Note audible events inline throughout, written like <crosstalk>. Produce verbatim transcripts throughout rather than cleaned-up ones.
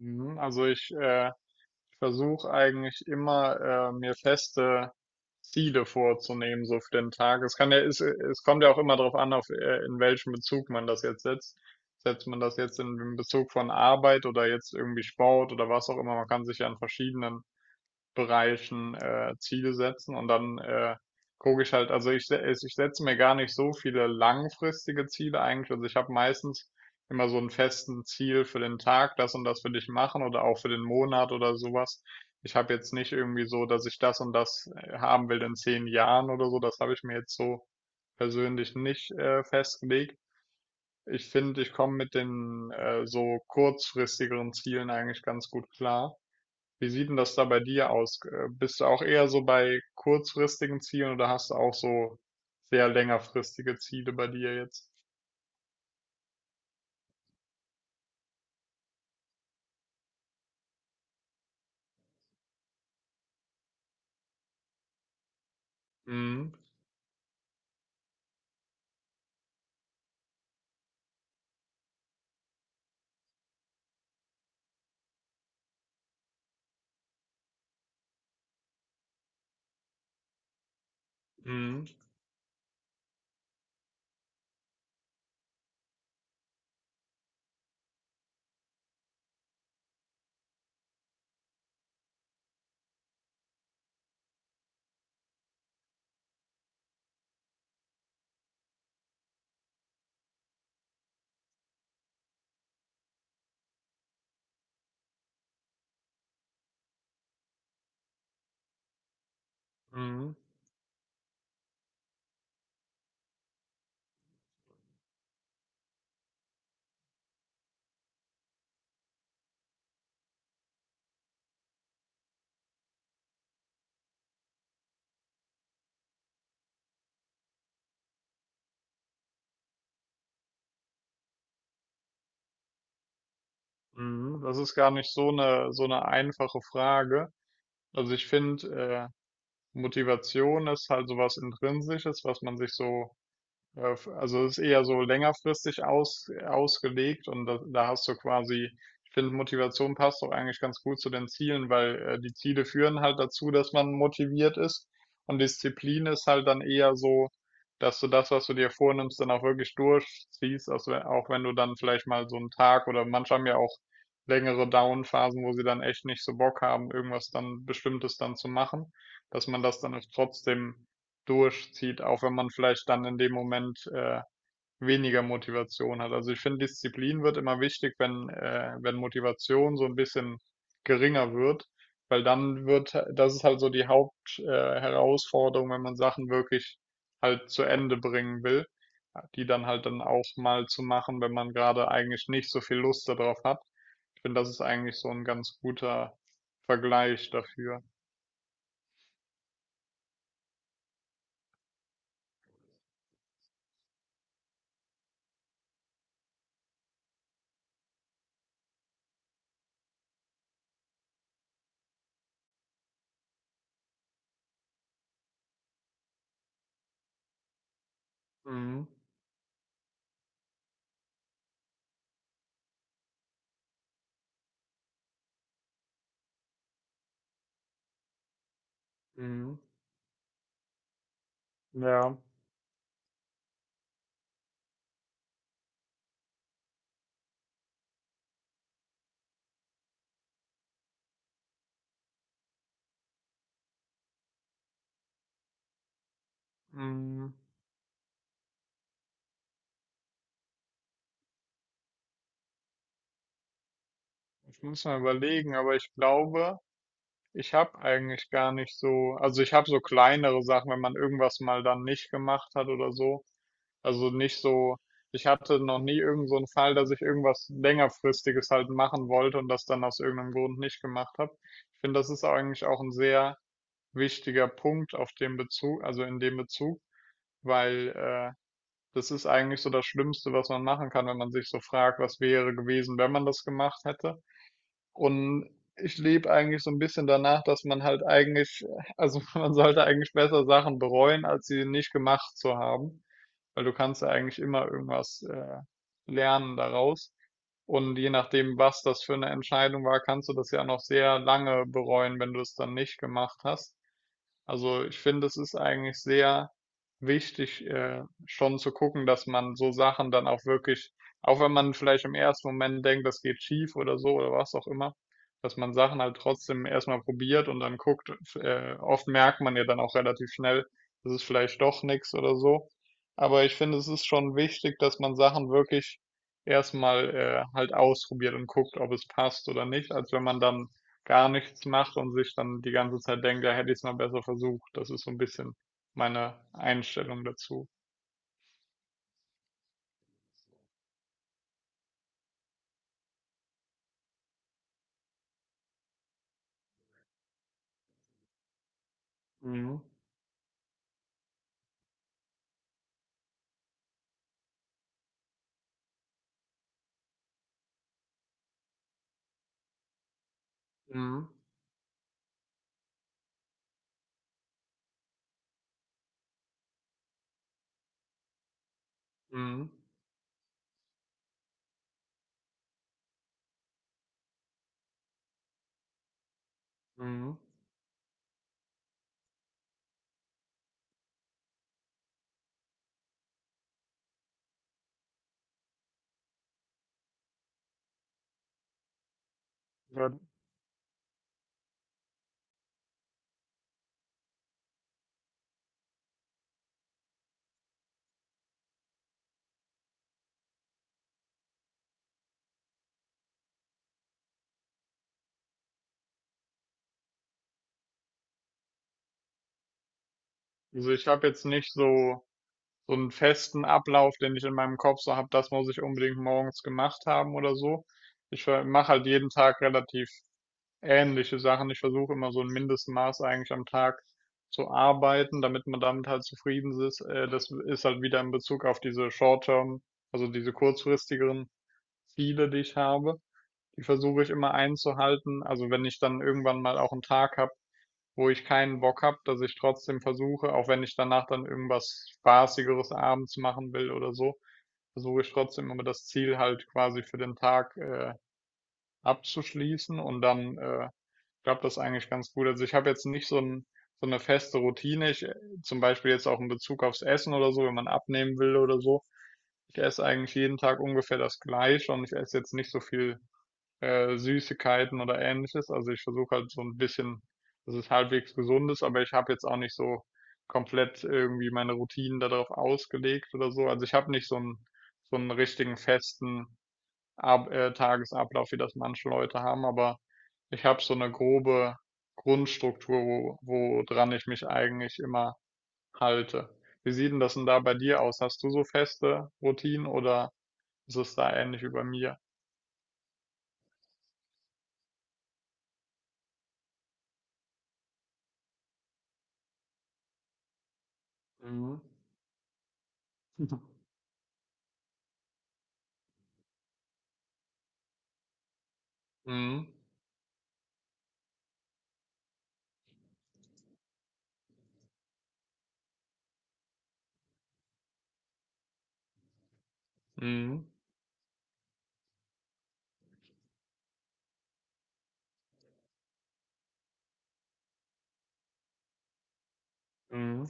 Mhm, Also ich äh, versuche eigentlich immer äh, mir feste Ziele vorzunehmen, so für den Tag. Es kann ja, es, es kommt ja auch immer darauf an, auf äh, in welchem Bezug man das jetzt setzt. Setzt man das jetzt in, in Bezug von Arbeit oder jetzt irgendwie Sport oder was auch immer. Man kann sich ja an verschiedenen Bereichen, äh, Ziele setzen und dann äh, gucke ich halt, also ich, se- ich setze mir gar nicht so viele langfristige Ziele eigentlich. Also ich habe meistens immer so einen festen Ziel für den Tag, das und das will ich machen oder auch für den Monat oder sowas. Ich habe jetzt nicht irgendwie so, dass ich das und das äh, haben will in zehn Jahren oder so. Das habe ich mir jetzt so persönlich nicht äh, festgelegt. Ich finde, ich komme mit den äh, so kurzfristigeren Zielen eigentlich ganz gut klar. Wie sieht denn das da bei dir aus? Äh, Bist du auch eher so bei kurzfristigen Zielen oder hast du auch so sehr längerfristige Ziele bei dir jetzt? Mhm, mhm, mhm, mhm. Das ist gar nicht so eine, so eine einfache Frage. Also ich finde, äh, Motivation ist halt sowas Intrinsisches, was man sich so Äh, f- also es ist eher so längerfristig aus, ausgelegt und da, da hast du quasi, ich finde, Motivation passt doch eigentlich ganz gut zu den Zielen, weil äh, die Ziele führen halt dazu, dass man motiviert ist und Disziplin ist halt dann eher so, dass du das, was du dir vornimmst, dann auch wirklich durchziehst, also we- auch wenn du dann vielleicht mal so einen Tag oder manche haben ja auch längere Down-Phasen, wo sie dann echt nicht so Bock haben, irgendwas dann Bestimmtes dann zu machen, dass man das dann trotzdem durchzieht, auch wenn man vielleicht dann in dem Moment äh, weniger Motivation hat. Also ich finde, Disziplin wird immer wichtig, wenn, äh, wenn Motivation so ein bisschen geringer wird, weil dann wird, das ist halt so die Haupt äh, Herausforderung, wenn man Sachen wirklich halt zu Ende bringen will, die dann halt dann auch mal zu machen, wenn man gerade eigentlich nicht so viel Lust darauf hat. Ich finde, das ist eigentlich so ein ganz guter Vergleich dafür. Mhm. Mhm. Ja. Mhm. Ich muss mal überlegen, aber ich glaube, ich habe eigentlich gar nicht so, also ich habe so kleinere Sachen, wenn man irgendwas mal dann nicht gemacht hat oder so. Also nicht so, ich hatte noch nie irgend so einen Fall, dass ich irgendwas längerfristiges halt machen wollte und das dann aus irgendeinem Grund nicht gemacht habe. Ich finde, das ist eigentlich auch ein sehr wichtiger Punkt auf dem Bezug, also in dem Bezug, weil äh, das ist eigentlich so das Schlimmste, was man machen kann, wenn man sich so fragt, was wäre gewesen, wenn man das gemacht hätte. Und ich lebe eigentlich so ein bisschen danach, dass man halt eigentlich, also <laughs> man sollte eigentlich besser Sachen bereuen, als sie nicht gemacht zu haben. Weil du kannst ja eigentlich immer irgendwas äh, lernen daraus. Und je nachdem, was das für eine Entscheidung war, kannst du das ja noch sehr lange bereuen, wenn du es dann nicht gemacht hast. Also ich finde, es ist eigentlich sehr wichtig, äh, schon zu gucken, dass man so Sachen dann auch wirklich, auch wenn man vielleicht im ersten Moment denkt, das geht schief oder so oder was auch immer, dass man Sachen halt trotzdem erstmal probiert und dann guckt. Äh, oft merkt man ja dann auch relativ schnell, das ist vielleicht doch nichts oder so. Aber ich finde, es ist schon wichtig, dass man Sachen wirklich erstmal äh, halt ausprobiert und guckt, ob es passt oder nicht, als wenn man dann gar nichts macht und sich dann die ganze Zeit denkt, ja, hätte ich es mal besser versucht. Das ist so ein bisschen meine Einstellung dazu. Mhm. Mhm. Mhm. Mhm. Ja, also ich habe jetzt nicht so, so einen festen Ablauf, den ich in meinem Kopf so habe, das muss ich unbedingt morgens gemacht haben oder so. Ich mache halt jeden Tag relativ ähnliche Sachen. Ich versuche immer so ein Mindestmaß eigentlich am Tag zu arbeiten, damit man damit halt zufrieden ist. Äh, das ist halt wieder in Bezug auf diese Short-Term, also diese kurzfristigeren Ziele, die ich habe. Die versuche ich immer einzuhalten. Also wenn ich dann irgendwann mal auch einen Tag habe, wo ich keinen Bock habe, dass ich trotzdem versuche, auch wenn ich danach dann irgendwas Spaßigeres abends machen will oder so, versuche ich trotzdem immer das Ziel halt quasi für den Tag äh, abzuschließen und dann äh, glaube das eigentlich ganz gut. Also ich habe jetzt nicht so 'n so 'ne feste Routine. Ich, äh zum Beispiel jetzt auch in Bezug aufs Essen oder so, wenn man abnehmen will oder so. Ich esse eigentlich jeden Tag ungefähr das Gleiche und ich esse jetzt nicht so viel, äh, Süßigkeiten oder Ähnliches. Also, ich versuche halt so ein bisschen, dass es halbwegs gesund ist, aber ich habe jetzt auch nicht so komplett irgendwie meine Routinen darauf ausgelegt oder so. Also, ich habe nicht so einen so 'n richtigen festen Ab äh, Tagesablauf, wie das manche Leute haben, aber ich habe so eine grobe Grundstruktur, wo, woran ich mich eigentlich immer halte. Wie sieht denn das denn da bei dir aus? Hast du so feste Routinen oder ist es da ähnlich wie bei mir? Mhm. Mhm. Mhm.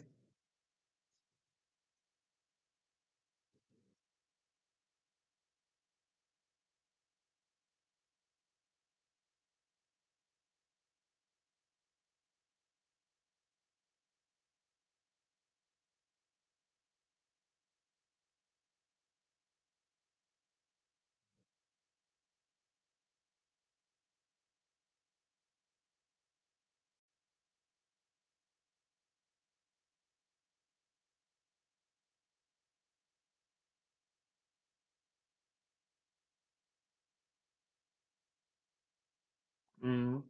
Mhm.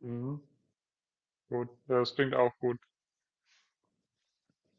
Mhm. Gut, das klingt auch gut.